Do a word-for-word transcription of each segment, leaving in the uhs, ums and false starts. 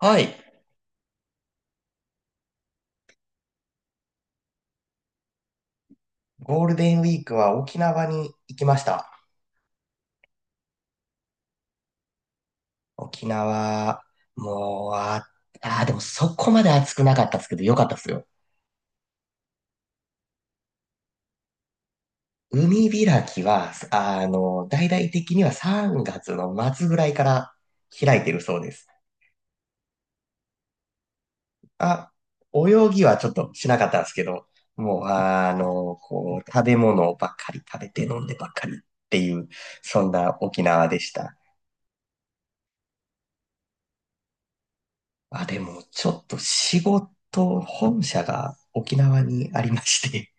はい。ゴールデンウィークは沖縄に行きました。沖縄、もう、あ、あー、でもそこまで暑くなかったですけど、よかったですよ。海開きは、あの、大々的にはさんがつの末ぐらいから開いてるそうです。あ、泳ぎはちょっとしなかったんですけど、もう、あの、こう、食べ物ばっかり食べて飲んでばっかりっていう、そんな沖縄でした。あ、でも、ちょっと仕事、本社が沖縄にありまして、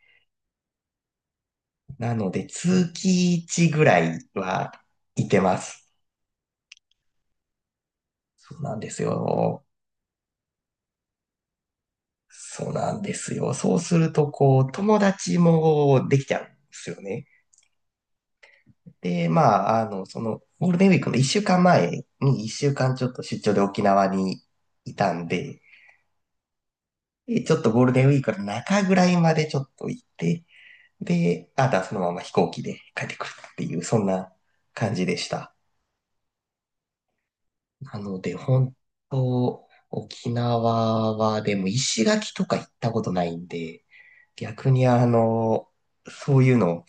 なので、通期いちぐらいはいてます。そうなんですよ。そうなんですよ。そうすると、こう、友達もできちゃうんですよね。で、まあ、あの、その、ゴールデンウィークのいっしゅうかんまえにいっしゅうかんちょっと出張で沖縄にいたんで、でちょっとゴールデンウィークの中ぐらいまでちょっと行って、で、あとはそのまま飛行機で帰ってくるっていう、そんな感じでした。なので、本当、沖縄はでも石垣とか行ったことないんで、逆にあの、そういうの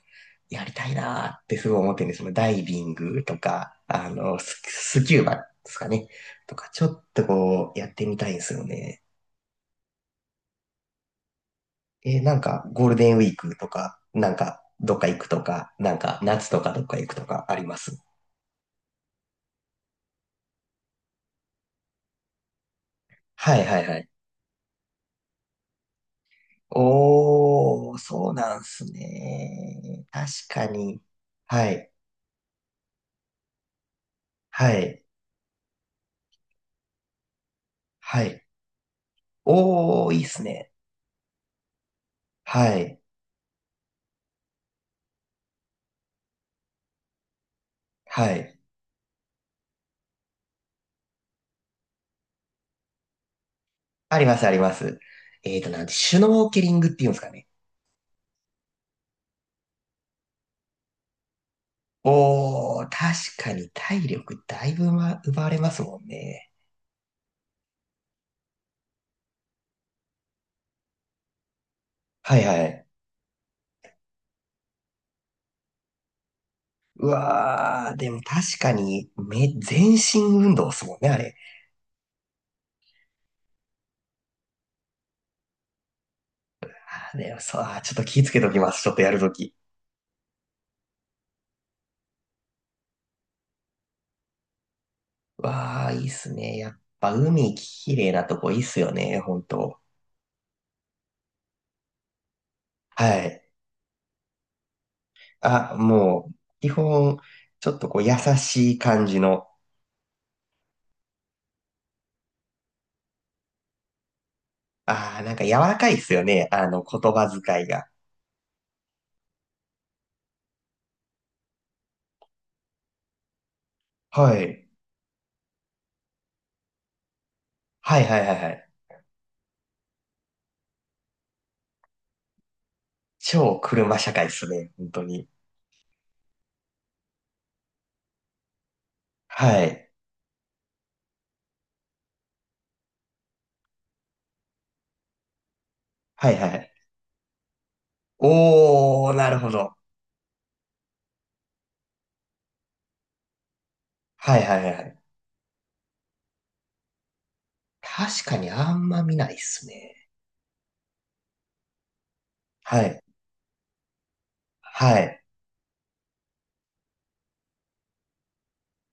やりたいなーってすごい思ってるんですよ。そダイビングとか、あの、ス、スキューバですかね。とか、ちょっとこう、やってみたいんですよね。えなんか、ゴールデンウィークとか、なんか、どっか行くとか、なんか、夏とかどっか行くとかあります？はいはいはい。おー、そうなんすね。確かに。はい、はい、はい。おー、いいっすね。はい、はい。あります、あります。えーと、なんて、シュノーケリングっていうんですかね。おー、確かに体力だいぶ、ま、奪われますもんね。はい、はい。うわー、でも確かに、め、全身運動っすもんね、あれ。あー、でも、そう、あーちょっと気ぃつけときます。ちょっとやるとき。わあ、いいっすね。やっぱ海きれいなとこいいっすよね、本当。はい。あ、もう、基本、ちょっとこう優しい感じの、ああ、なんか柔らかいっすよね、あの言葉遣いが。はい。はいはいはいはい。超車社会っすね、本当に。はい。はいはいはい。おー、なるほど。はいはいはいはい。確かにあんま見ないっすね。はい。はい。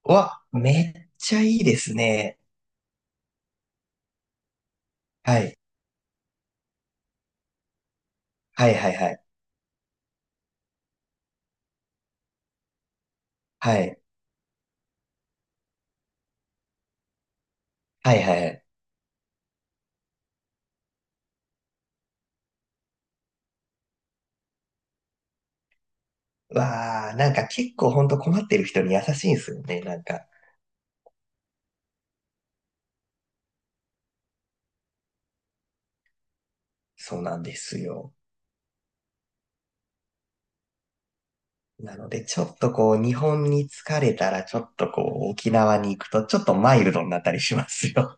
うわ、めっちゃいいですね。はい。はいはいはい。はい。はいはい。わあ、なんか結構ほんと困ってる人に優しいんですよね。なんか、そうなんですよ。なので、ちょっとこう、日本に疲れたら、ちょっとこう、沖縄に行くと、ちょっとマイルドになったりしますよ。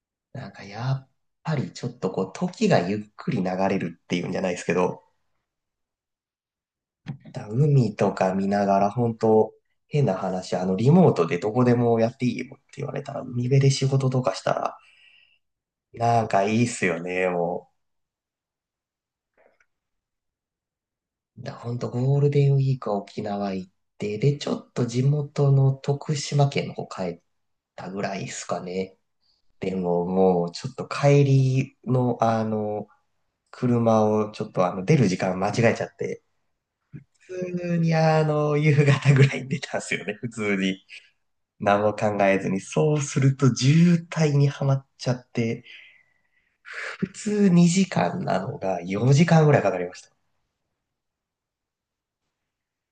なんか、やっぱりちょっとこう、時がゆっくり流れるっていうんじゃないですけど、だ海とか見ながら、本当変な話、あの、リモートでどこでもやっていいよって言われたら、海辺で仕事とかしたら、なんかいいっすよね、もう。だ、ほんとゴールデンウィークは沖縄行って、で、ちょっと地元の徳島県の方帰ったぐらいですかね。でももうちょっと帰りのあの、車をちょっとあの出る時間間違えちゃって、普通にあの、夕方ぐらいに出たんですよね、普通に。何も考えずに。そうすると渋滞にはまっちゃって、普通にじかんなのがよじかんぐらいかかりました。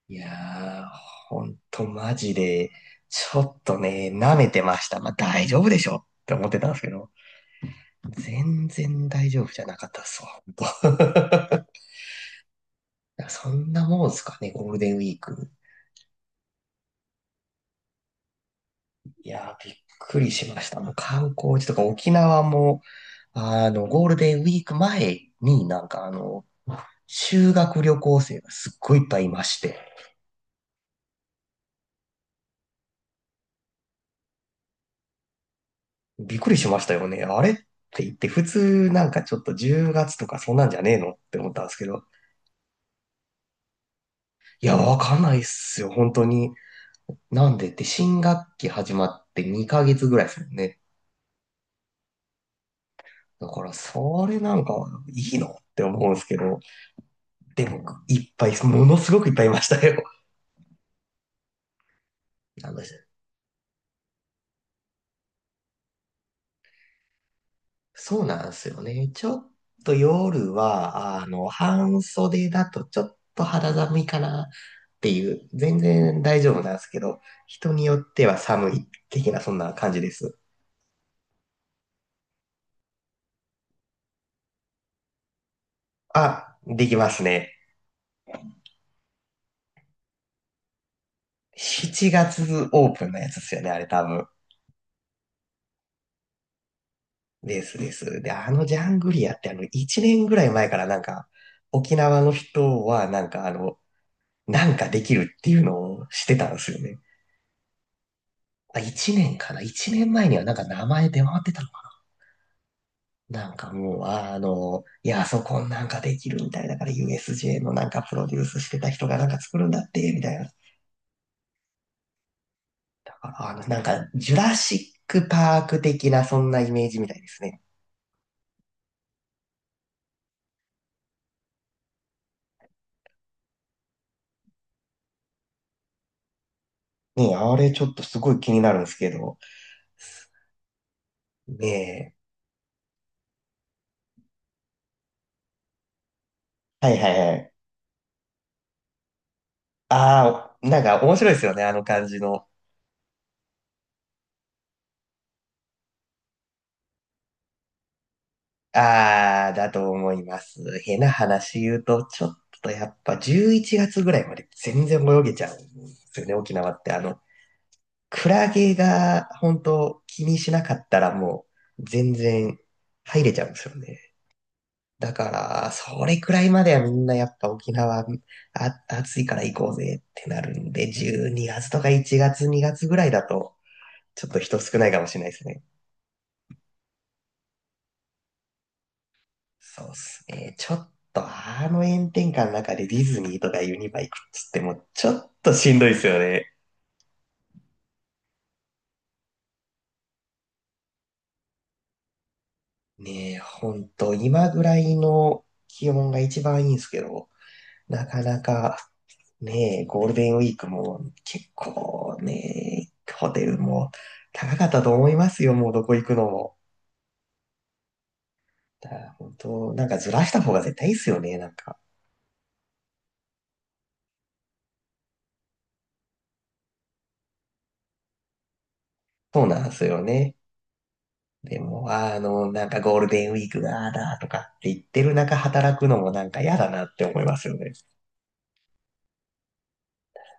いやー、ほんとマジで、ちょっとね、舐めてました。まあ大丈夫でしょって思ってたんですけど、全然大丈夫じゃなかったっすわ、ほんと。いやそんなもんすかね、ゴールデンウィーク。いやー、びっくりしました。もう観光地とか沖縄も、あの、ゴールデンウィーク前になんかあの、修学旅行生がすっごいいっぱいいまして、びっくりしましたよね。あれって言って、普通なんかちょっとじゅうがつとかそんなんじゃねえのって思ったんですけど、いや、わかんないっすよ、本当に。なんでって新学期始まってにかげつぐらいですもんね。だから、それなんかいいのって思うんですけど、でも、いっぱい、ものすごくいっぱいいましたよ。あの、そうなんですよね。ちょっと夜は、あの、半袖だとちょっと肌寒いかなっていう、全然大丈夫なんですけど、人によっては寒い的なそんな感じです。あ、できますね。しちがつオープンのやつですよね、あれ多分。ですです。で、あのジャングリアってあの、いちねんぐらい前からなんか、沖縄の人はなんかあの、なんかできるっていうのをしてたんですよね。あ、いちねんかな？ いち 年前にはなんか名前出回ってたの。なんかもう、ああの、いや、そこなんかできるみたいだから ユーエスジェー のなんかプロデュースしてた人がなんか作るんだって、みたいな。だからあの、なんか、ジュラシックパーク的なそんなイメージみたいですね。ねえ、あれちょっとすごい気になるんですけど。ねえ。はいはいはい。ああ、なんか面白いですよね、あの感じの。ああ、だと思います。変な話言うと、ちょっとやっぱじゅういちがつぐらいまで全然泳げちゃうんですよね、沖縄って。あの、クラゲが本当気にしなかったらもう全然入れちゃうんですよね。だから、それくらいまではみんなやっぱ沖縄あ暑いから行こうぜってなるんで、じゅうにがつとかいちがつにがつぐらいだとちょっと人少ないかもしれないですね。そうっすね。ちょっとあの炎天下の中でディズニーとかユニバ行くっつってもちょっとしんどいですよね。ねえ、ほんと今ぐらいの気温が一番いいんですけど、なかなかねえ、ゴールデンウィークも結構ね、ホテルも高かったと思いますよ、もうどこ行くのも。だから本当、なんかずらした方が絶対いいっすよね、なんか。そうなんですよね。でも、あの、なんかゴールデンウィークがああだとかって言ってる中働くのもなんか嫌だなって思いますよね。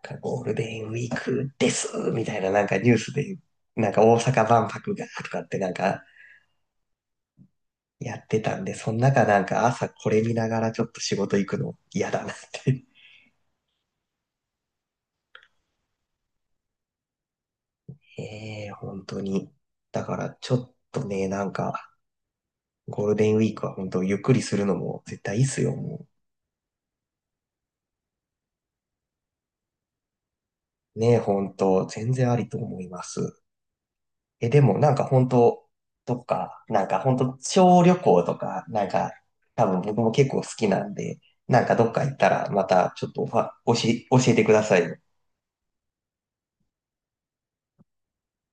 なんかゴールデンウィークですみたいななんかニュースで、なんか大阪万博がとかってなんかやってたんで、その中なんか朝これ見ながらちょっと仕事行くの嫌だなって。ええ本当に。だから、ちょっとね、なんか、ゴールデンウィークは本当、ゆっくりするのも絶対いいっすよ、もう。ねえ、本当、全然ありと思います。え、でも、なんか本当、どっか、なんか本当、小旅行とか、なんか、多分僕も結構好きなんで、なんかどっか行ったら、またちょっとおは、教え教えてください。